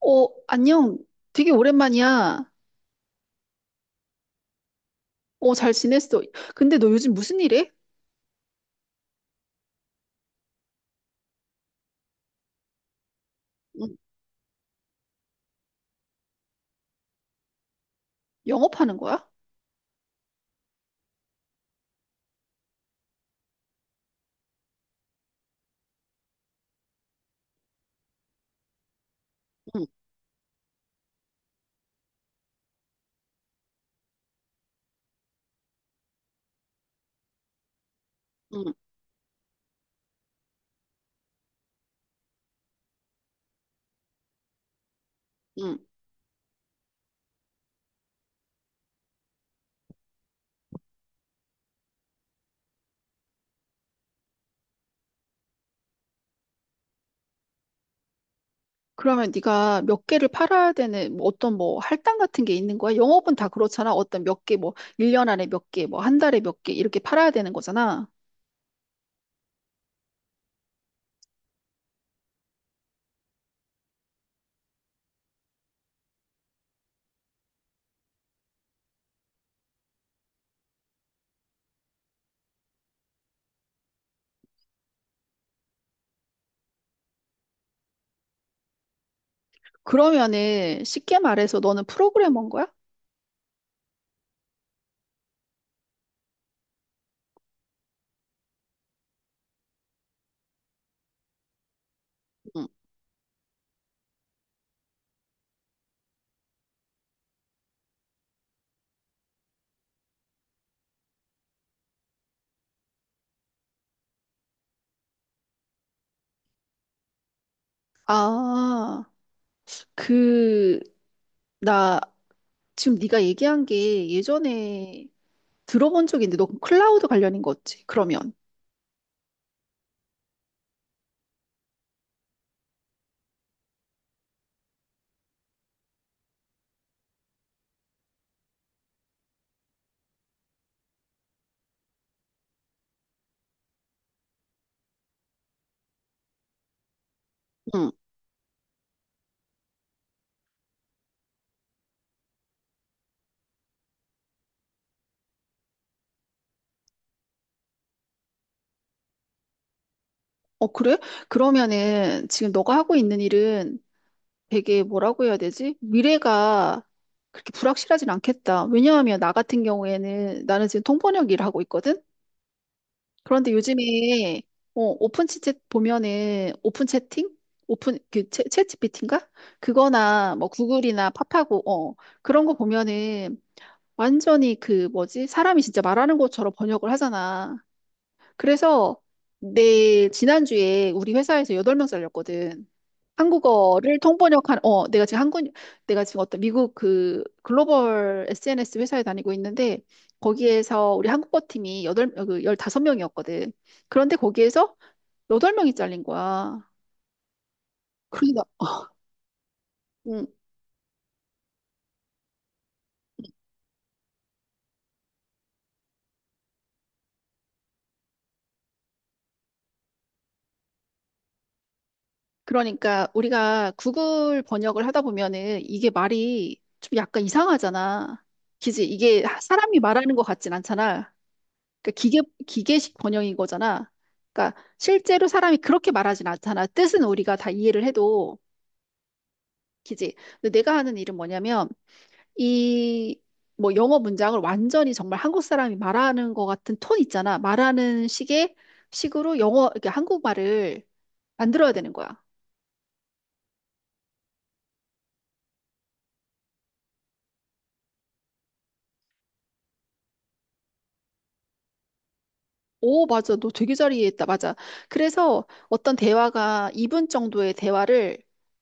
안녕. 되게 오랜만이야. 잘 지냈어. 근데 너 요즘 무슨 일 해? 응, 영업하는 거야? 응, 응, 응. 그러면 네가 몇 개를 팔아야 되는 뭐 어떤 뭐 할당 같은 게 있는 거야? 영업은 다 그렇잖아. 어떤 몇 개, 뭐 1년 안에 몇 개, 뭐 한 달에 몇 개 이렇게 팔아야 되는 거잖아. 그러면은 쉽게 말해서 너는 프로그래머인 거야? 응. 아, 그, 나 지금 네가 얘기한 게 예전에 들어본 적이 있는데 너 클라우드 관련인 거지? 그러면. 어, 그래? 그러면은 지금 너가 하고 있는 일은 되게 뭐라고 해야 되지? 미래가 그렇게 불확실하진 않겠다. 왜냐하면 나 같은 경우에는 나는 지금 통번역 일을 하고 있거든? 그런데 요즘에 오픈 채팅 보면은 오픈 채팅? 오픈 그 챗 g p 인가 그거나 뭐 구글이나 팝하고 그런 거 보면은 완전히 그 뭐지? 사람이 진짜 말하는 것처럼 번역을 하잖아. 그래서 내 지난주에 우리 회사에서 8명 잘렸거든. 한국어를 통번역한 어 내가 지금 한국 내가 지금 어떤 미국 그 글로벌 SNS 회사에 다니고 있는데 거기에서 우리 한국어 팀이 여덟 어, 그 15명이었거든. 그런데 거기에서 여덟 명이 잘린 거야. 그러니까 음, 그러니까 우리가 구글 번역을 하다 보면은 이게 말이 좀 약간 이상하잖아. 그지? 이게 사람이 말하는 것 같진 않잖아. 그러니까 기계식 번역인 거잖아. 그러니까 실제로 사람이 그렇게 말하진 않잖아. 뜻은 우리가 다 이해를 해도, 그지? 근데 내가 하는 일은 뭐냐면, 이, 뭐 영어 문장을 완전히 정말 한국 사람이 말하는 것 같은 톤 있잖아. 말하는 식으로 영어, 이렇게 한국말을 만들어야 되는 거야. 오, 맞아. 너 되게 잘 이해했다. 맞아. 그래서 어떤 대화가 2분 정도의 대화를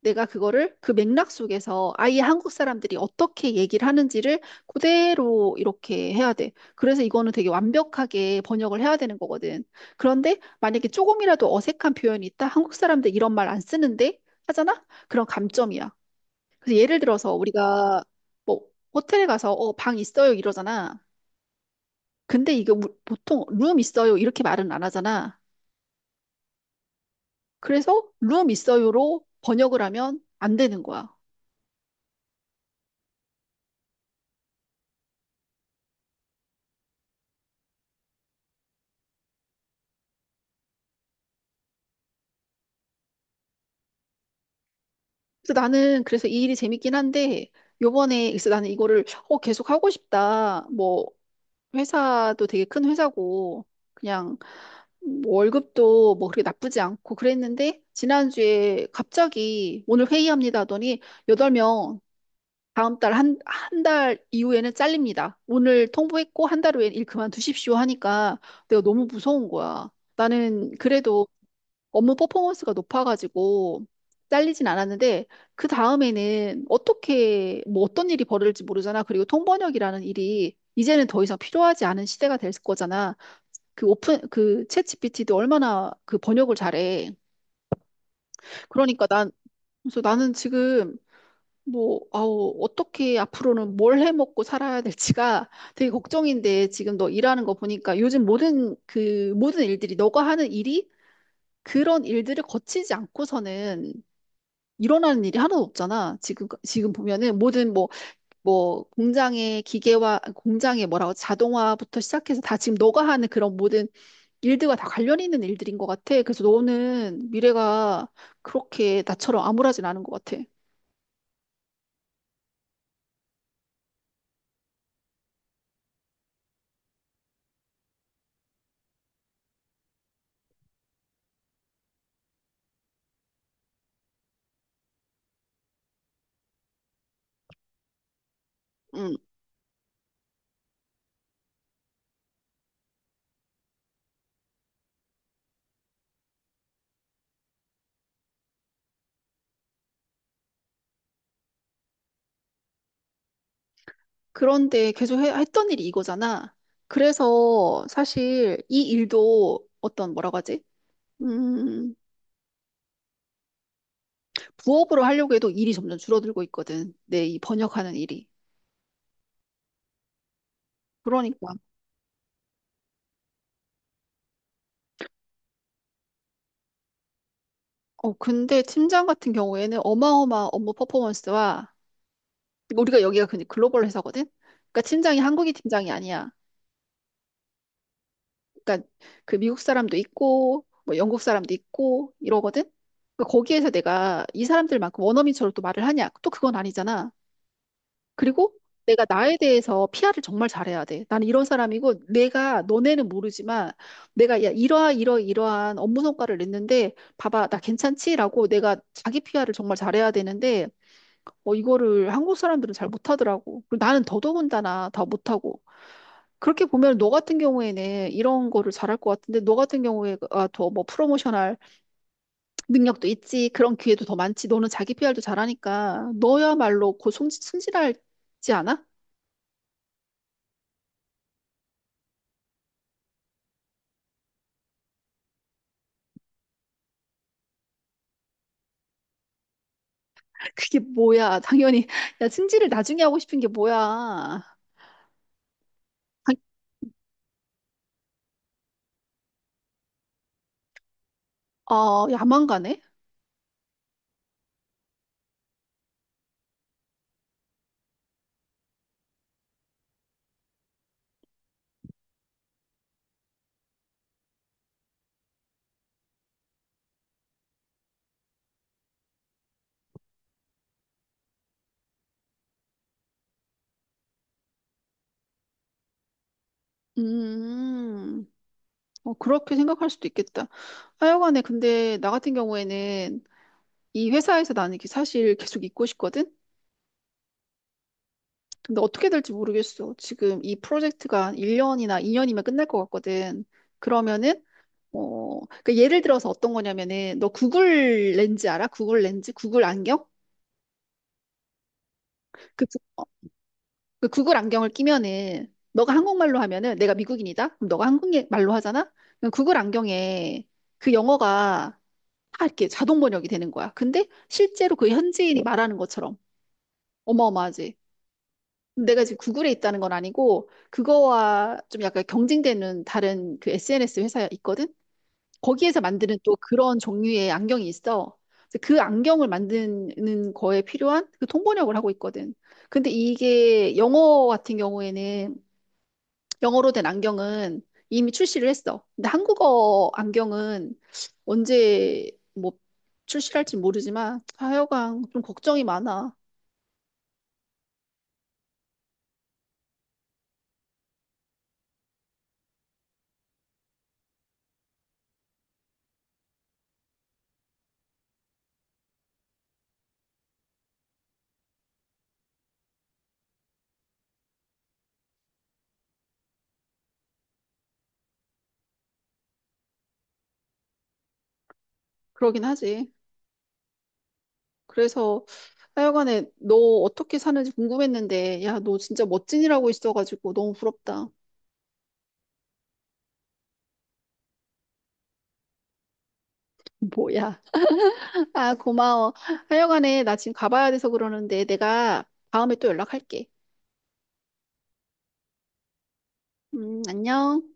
내가 그거를 그 맥락 속에서 아예 한국 사람들이 어떻게 얘기를 하는지를 그대로 이렇게 해야 돼. 그래서 이거는 되게 완벽하게 번역을 해야 되는 거거든. 그런데 만약에 조금이라도 어색한 표현이 있다? 한국 사람들 이런 말 안 쓰는데? 하잖아? 그런 감점이야. 그래서 예를 들어서 우리가 뭐 호텔에 가서 어, 방 있어요 이러잖아. 근데 이게 보통 룸 있어요 이렇게 말은 안 하잖아. 그래서 룸 있어요로 번역을 하면 안 되는 거야. 그래서 이 일이 재밌긴 한데 요번에 그래서 나는 이거를 계속 하고 싶다. 뭐 회사도 되게 큰 회사고 그냥 뭐 월급도 뭐 그렇게 나쁘지 않고 그랬는데 지난주에 갑자기 오늘 회의합니다 하더니 여덟 명 다음 달 한, 한 달 이후에는 잘립니다. 오늘 통보했고 한 달 후엔 일 그만두십시오 하니까 내가 너무 무서운 거야. 나는 그래도 업무 퍼포먼스가 높아가지고 잘리진 않았는데 그 다음에는 어떻게 뭐 어떤 일이 벌어질지 모르잖아. 그리고 통번역이라는 일이 이제는 더 이상 필요하지 않은 시대가 될 거잖아. 그 오픈 그 챗GPT도 얼마나 그 번역을 잘해. 그러니까 난 그래서 나는 지금 뭐 아우 어떻게 앞으로는 뭘 해먹고 살아야 될지가 되게 걱정인데 지금 너 일하는 거 보니까 요즘 모든 그 모든 일들이 너가 하는 일이 그런 일들을 거치지 않고서는 일어나는 일이 하나도 없잖아. 지금 보면은 모든 뭐 공장의 기계와 공장의 뭐라고 자동화부터 시작해서 다 지금 너가 하는 그런 모든 일들과 다 관련 있는 일들인 것 같아. 그래서 너는 미래가 그렇게 나처럼 암울하진 않은 것 같아. 음. 그런데 계속 했던 일이 이거잖아. 그래서 사실 이 일도 어떤 뭐라고 하지? 음, 부업으로 하려고 해도 일이 점점 줄어들고 있거든. 내 이 번역하는 일이. 그러니까 근데 팀장 같은 경우에는 어마어마한 업무 퍼포먼스와 우리가 여기가 그냥 글로벌 회사거든? 그러니까 팀장이 한국인 팀장이 아니야. 그러니까 그 미국 사람도 있고 뭐 영국 사람도 있고 이러거든? 그러니까 거기에서 내가 이 사람들만큼 원어민처럼 또 말을 하냐? 또 그건 아니잖아. 그리고 내가 나에 대해서 PR을 정말 잘해야 돼. 나는 이런 사람이고 내가 너네는 모르지만 내가 야 이러하 이러 이러한 업무 성과를 냈는데 봐봐 나 괜찮지라고 내가 자기 PR을 정말 잘해야 되는데 이거를 한국 사람들은 잘 못하더라고. 그리고 나는 더더군다나 더 못하고. 그렇게 보면 너 같은 경우에는 이런 거를 잘할 것 같은데 너 같은 경우에 더뭐 프로모션할 능력도 있지 그런 기회도 더 많지 너는 자기 PR도 잘하니까 너야말로 곧 승진할지 않아? 그게 뭐야 당연히 야 승진을 나중에 하고 싶은 게 뭐야 당- 야망가네? 음, 그렇게 생각할 수도 있겠다. 하여간에 근데 나 같은 경우에는 이 회사에서 나는 이게 사실 계속 있고 싶거든? 근데 어떻게 될지 모르겠어. 지금 이 프로젝트가 1년이나 2년이면 끝날 것 같거든. 그러면은, 그 예를 들어서 어떤 거냐면은, 너 구글 렌즈 알아? 구글 렌즈? 구글 안경? 그, 구- 어, 그 구글 안경을 끼면은, 너가 한국말로 하면은, 내가 미국인이다? 그럼 너가 한국말로 하잖아? 그럼 구글 안경에 그 영어가 다 이렇게 자동 번역이 되는 거야. 근데 실제로 그 현지인이 말하는 것처럼 어마어마하지. 내가 지금 구글에 있다는 건 아니고 그거와 좀 약간 경쟁되는 다른 그 SNS 회사가 있거든. 거기에서 만드는 또 그런 종류의 안경이 있어. 그래서 그 안경을 만드는 거에 필요한 그 통번역을 하고 있거든. 근데 이게 영어 같은 경우에는 영어로 된 안경은 이미 출시를 했어. 근데 한국어 안경은 언제 뭐 출시할지 모르지만 하여간 좀 걱정이 많아. 그러긴 하지. 그래서 하여간에 너 어떻게 사는지 궁금했는데, 야, 너 진짜 멋진이라고 있어가지고 너무 부럽다. 뭐야. 아, 고마워. 하여간에 나 지금 가봐야 돼서 그러는데 내가 다음에 또 연락할게. 안녕.